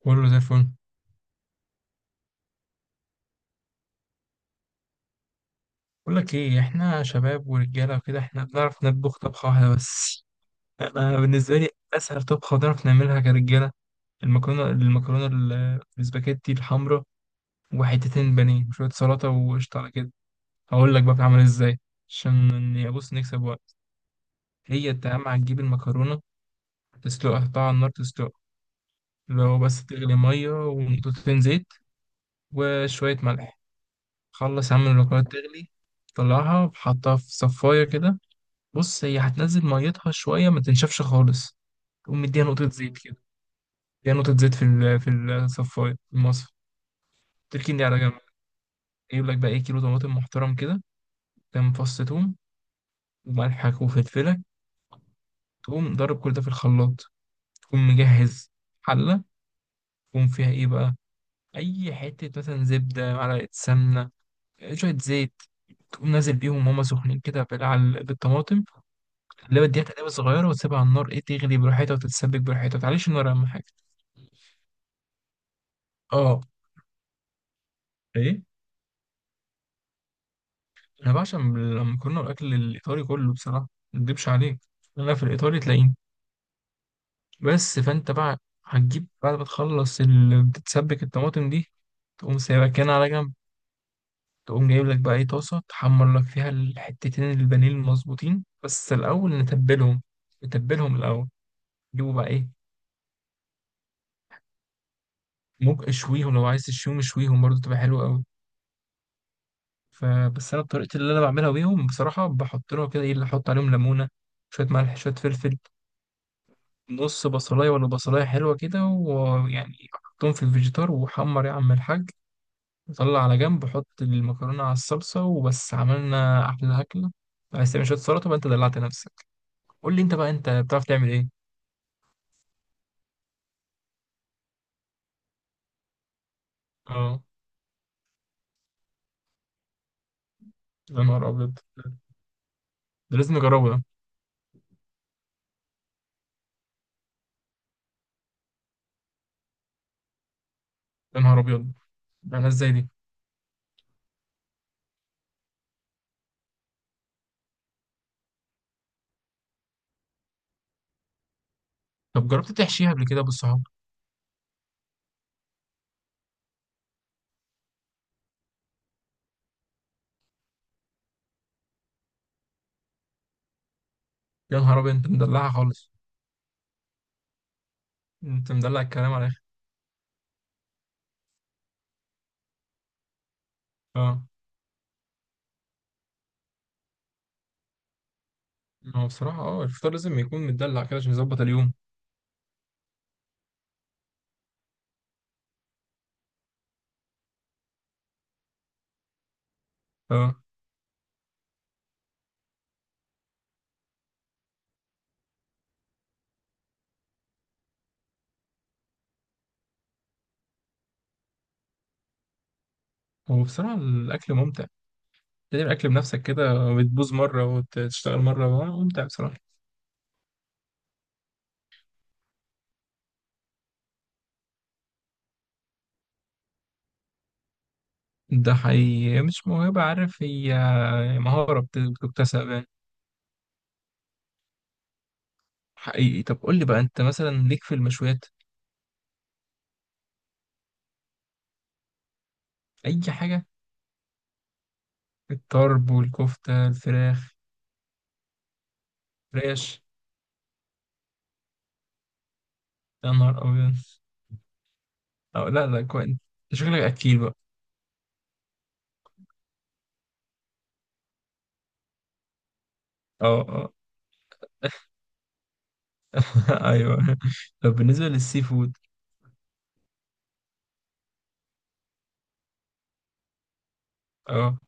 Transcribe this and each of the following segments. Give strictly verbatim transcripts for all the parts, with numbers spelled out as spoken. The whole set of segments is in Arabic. كله زي الفل. بقول لك ايه، احنا شباب ورجاله وكده، احنا بنعرف نطبخ طبخه واحده بس. انا بالنسبه لي اسهل طبخه بنعرف نعملها كرجاله، المكرونه المكرونه ال- السباكيتي الحمراء، وحتتين بانيه وشويه سلطه وقشطه على كده. هقول لك بقى بتعمل ازاي. عشان إن- بص نكسب وقت. هي انت اهم حاجه تجيب المكرونه، تسلقها، تحطها على النار تسلقها، لو بس تغلي ميه ونقطتين زيت وشويه ملح. خلص يا عم المكرونه تغلي، طلعها وحطها في صفايه كده. بص هي هتنزل ميتها شوية ما تنشفش خالص. تقوم مديها نقطة زيت كده، مديها نقطة زيت في ال- في الصفاية، في المصفى، تركين دي على جنب. يجيب لك بقى ايه، كيلو طماطم محترم كده، كام فص توم، وملحك وفلفلك، تقوم ضارب كل ده في الخلاط. تقوم مجهز حلة، تقوم فيها ايه بقى، أي حتة مثلا زبدة، معلقة سمنة، شوية زيت، تقوم نازل بيهم وهما سخنين كده بال- على- ال- بالطماطم اللي بديها تقليبة صغيرة وتسيبها على النار، ايه، تغلي براحتها وتتسبك براحتها، ما تعليش النار أهم حاجة. اه. ايه، انا بعشق المكرونه والاكل الايطالي كله بصراحه، ما اكدبش عليك، انا في الايطالي تلاقيني. بس فانت بقى، هتجيب بعد ما تخلص ال- بتتسبك الطماطم دي، تقوم سايبها كده على جنب. تقوم جايب لك بقى ايه، طاسه تحمر لك فيها الحتتين البانيه المظبوطين، بس الاول نتبلهم. نتبلهم الاول. جيبوا بقى ايه، ممكن اشويهم لو عايز تشويهم اشويهم برضه تبقى حلوه قوي. فبس انا بطريقتي اللي انا بعملها بيهم بصراحه، بحط لهم كده ايه اللي احط عليهم، ليمونه، شويه ملح، شويه فلفل، نص بصلاية ولا بصلاية حلوة كده، ويعني حطهم في الفيجيتار وحمر يا عم الحاج. وطلع على جنب، حط المكرونة على الصلصة، وبس عملنا أحلى أكلة. عايز تعمل شوية سلطة بقى، أنت دلعت نفسك. قول لي أنت بقى، أنت بتعرف تعمل إيه؟ أه. يا نهار أبيض، ده لازم نجربه ده. يا نهار أبيض، ده إزاي دي؟ طب جربت تحشيها قبل كده بالصحاب؟ يا نهار أبيض، أنت مدلعها خالص. أنت مدلع الكلام على الآخر. أه. هو بصراحة أه الفطار لازم يكون متدلع كده عشان يظبط اليوم. أه، هو بصراحة الأكل ممتع، تعمل أكل بنفسك كده، بتبوظ مرة وتشتغل مرة، ممتع بصراحة. ده حقيقي مش موهبة، عارف هي مهارة بت- بتكتسب يعني. حقيقي. طب قول لي بقى أنت مثلا ليك في المشويات؟ أي حاجة. الطرب والكفتة، الفراخ، ريش. يا نهار أبيض. أو لا لا، كويس أنت، شكلك أكيل بقى. أه، أه. أيوه. طب بالنسبة للسي فود؟ أه،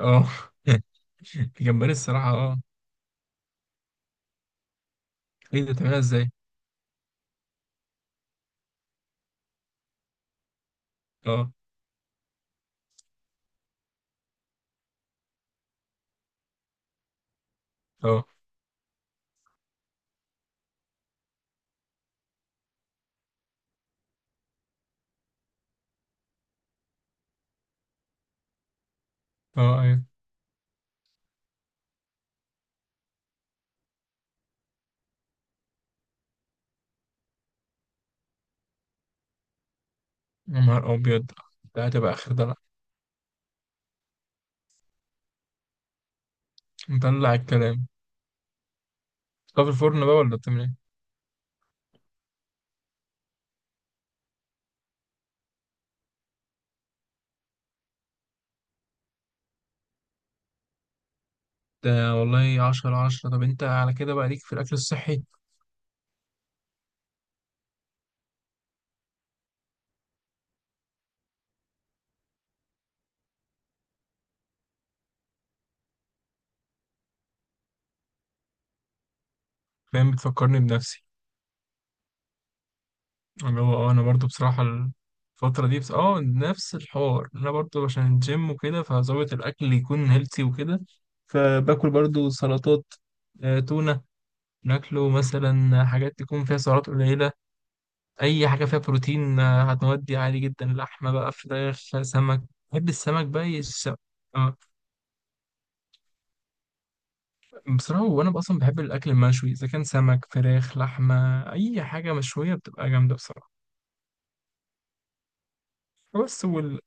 أه. الجمبري الصراحة أه. إيه ده، بتعملها إزاي؟ أه. أه. أه. أيوه. يا نهار أبيض، ده هتبقى آخر دلع. مدلع الكلام. طب في الفرن بقى ولا بتعمل إيه؟ ده والله عشرة على عشرة. طب أنت على كده بقى ليك في الأكل الصحي. فاهم، بتفكرني بنفسي، اللي هو أه أنا برضو بصراحة الفترة دي بس أه نفس الحوار. أنا برضو عشان الجيم وكده فظابط الأكل يكون هيلثي وكده، فباكل برضو سلطات، آه، تونة، ناكله مثلا، حاجات تكون فيها سعرات قليلة، اي حاجه فيها بروتين آه، هتودي عالي جدا، لحمه بقى، فراخ، سمك. بحب السمك بقى، يس- آه، بصراحه وانا اصلا بحب الاكل المشوي، اذا كان سمك، فراخ، لحمه، اي حاجه مشويه بتبقى جامده بصراحه. بس وال...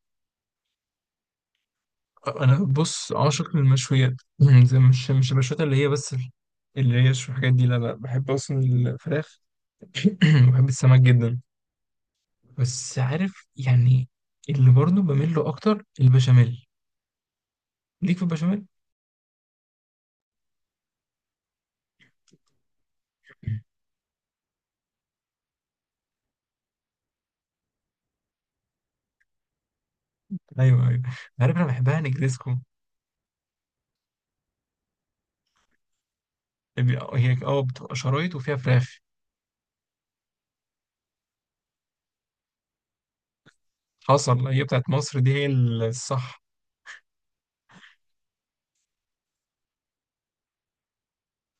آه، انا بص عاشق للمشويات زي مش مش المشويات اللي هي بس ال- اللي هي شو، الحاجات دي لا لا، بحب اصلا الفراخ، بحب السمك جدا، بس عارف يعني اللي برضه بميل له اكتر البشاميل. ليك في البشاميل. ايوه ايوه. عارف انا بحبها نجريسكو، بي- هي اه بتبقى شرايط وفيها فراخ. حصل، هي بتاعت مصر دي هي الصح.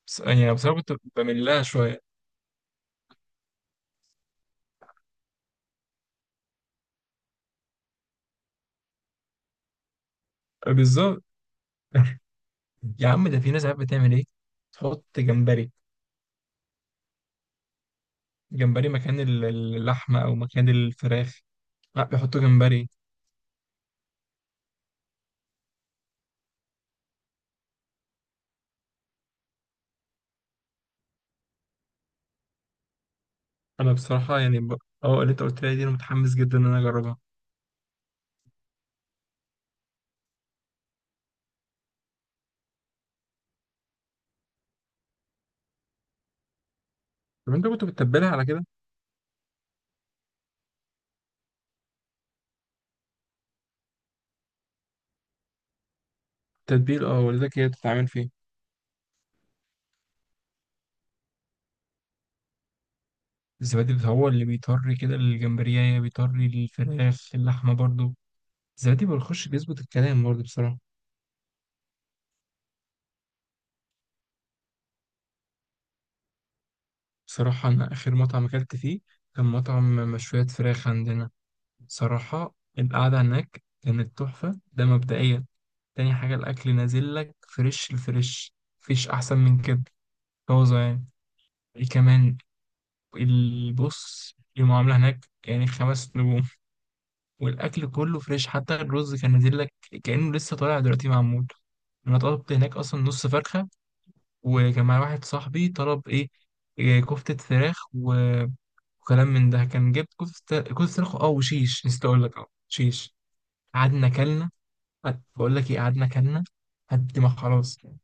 بس يعني، بس انا كنت بميل لها شويه. بالظبط. يا عم، ده في ناس عارف بتعمل ايه، تحط جمبري. جمبري مكان ال- اللحمه او مكان الفراخ. لا، بيحطوا جمبري. انا بصراحه يعني ب... اه اللي انت قلت لي دي انا متحمس جدا ان انا اجربها. طب انت كنت بتتبلها على كده؟ تتبيل، اه والدتك هي بتتعمل فيه. الزبادي بت- هو اللي بيطري كده الجمبريه، بيطري الفراخ، اللحمه برضو، زبادي ما بيخش، بيظبط الكلام برضه بصراحة. بصراحة أنا آخر مطعم أكلت فيه كان مطعم مشويات فراخ عندنا. صراحة القعدة هناك كانت تحفة ده مبدئيا. تاني حاجة، الأكل نازل لك فريش، الفريش مفيش أحسن من كده، طازة يعني. إيه كمان، البص المعاملة هناك يعني خمس نجوم، والأكل كله فريش، حتى الرز كان نازل لك كأنه لسه طالع دلوقتي معمول. أنا طلبت هناك أصلا نص فرخة، وكان معايا واحد صاحبي طلب ايه، إيه، كفتة فراخ و- وكلام من ده، كان جبت كفتة، كفتة فراخ اه، وشيش، نسيت اقول لك اه شيش. قعدنا كلنا. قعد- بقول لك ايه، قعدنا كلنا، قد ما خلاص إحنا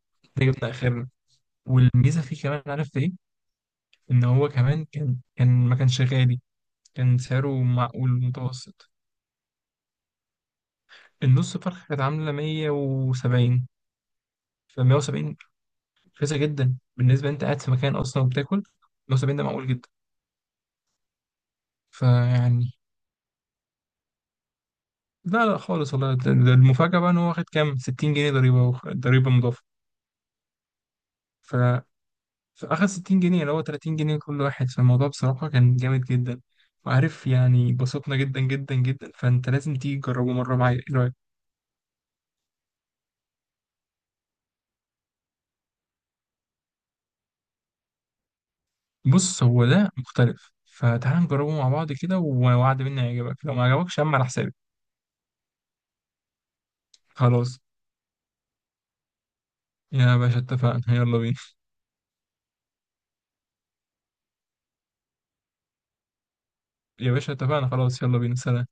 جبنا اخرنا. والميزة فيه كمان، عرفت ايه، ان هو كمان كان كان ما كانش غالي، كان سعره معقول متوسط. النص فرخة كانت عاملة مية وسبعين. ف مية وسبعين، رخيصة جدا، بالنسبة انت قاعد في مكان اصلا وبتاكل، مية وسبعين ده معقول جدا. فيعني، لا لا خالص والله، ده ده المفاجأة بقى ان هو واخد كام، ستين جنيه ضريبة، وخ- ضريبة مضافة. ف... فأخد ستين جنيه اللي هو تلاتين جنيه كل واحد. فالموضوع بصراحة كان جامد جدا، وعارف يعني بسطنا جدا جدا جدا. فأنت لازم تيجي تجربه مرة معايا، ايه رأيك؟ بص هو ده مختلف، فتعال نجربه مع بعض كده، ووعد مني هيعجبك، لو ما عجبكش يا عم على حسابي. خلاص يا باشا، اتفقنا، يلا بينا. يا باشا اتفقنا خلاص، يلا بينا، سلام.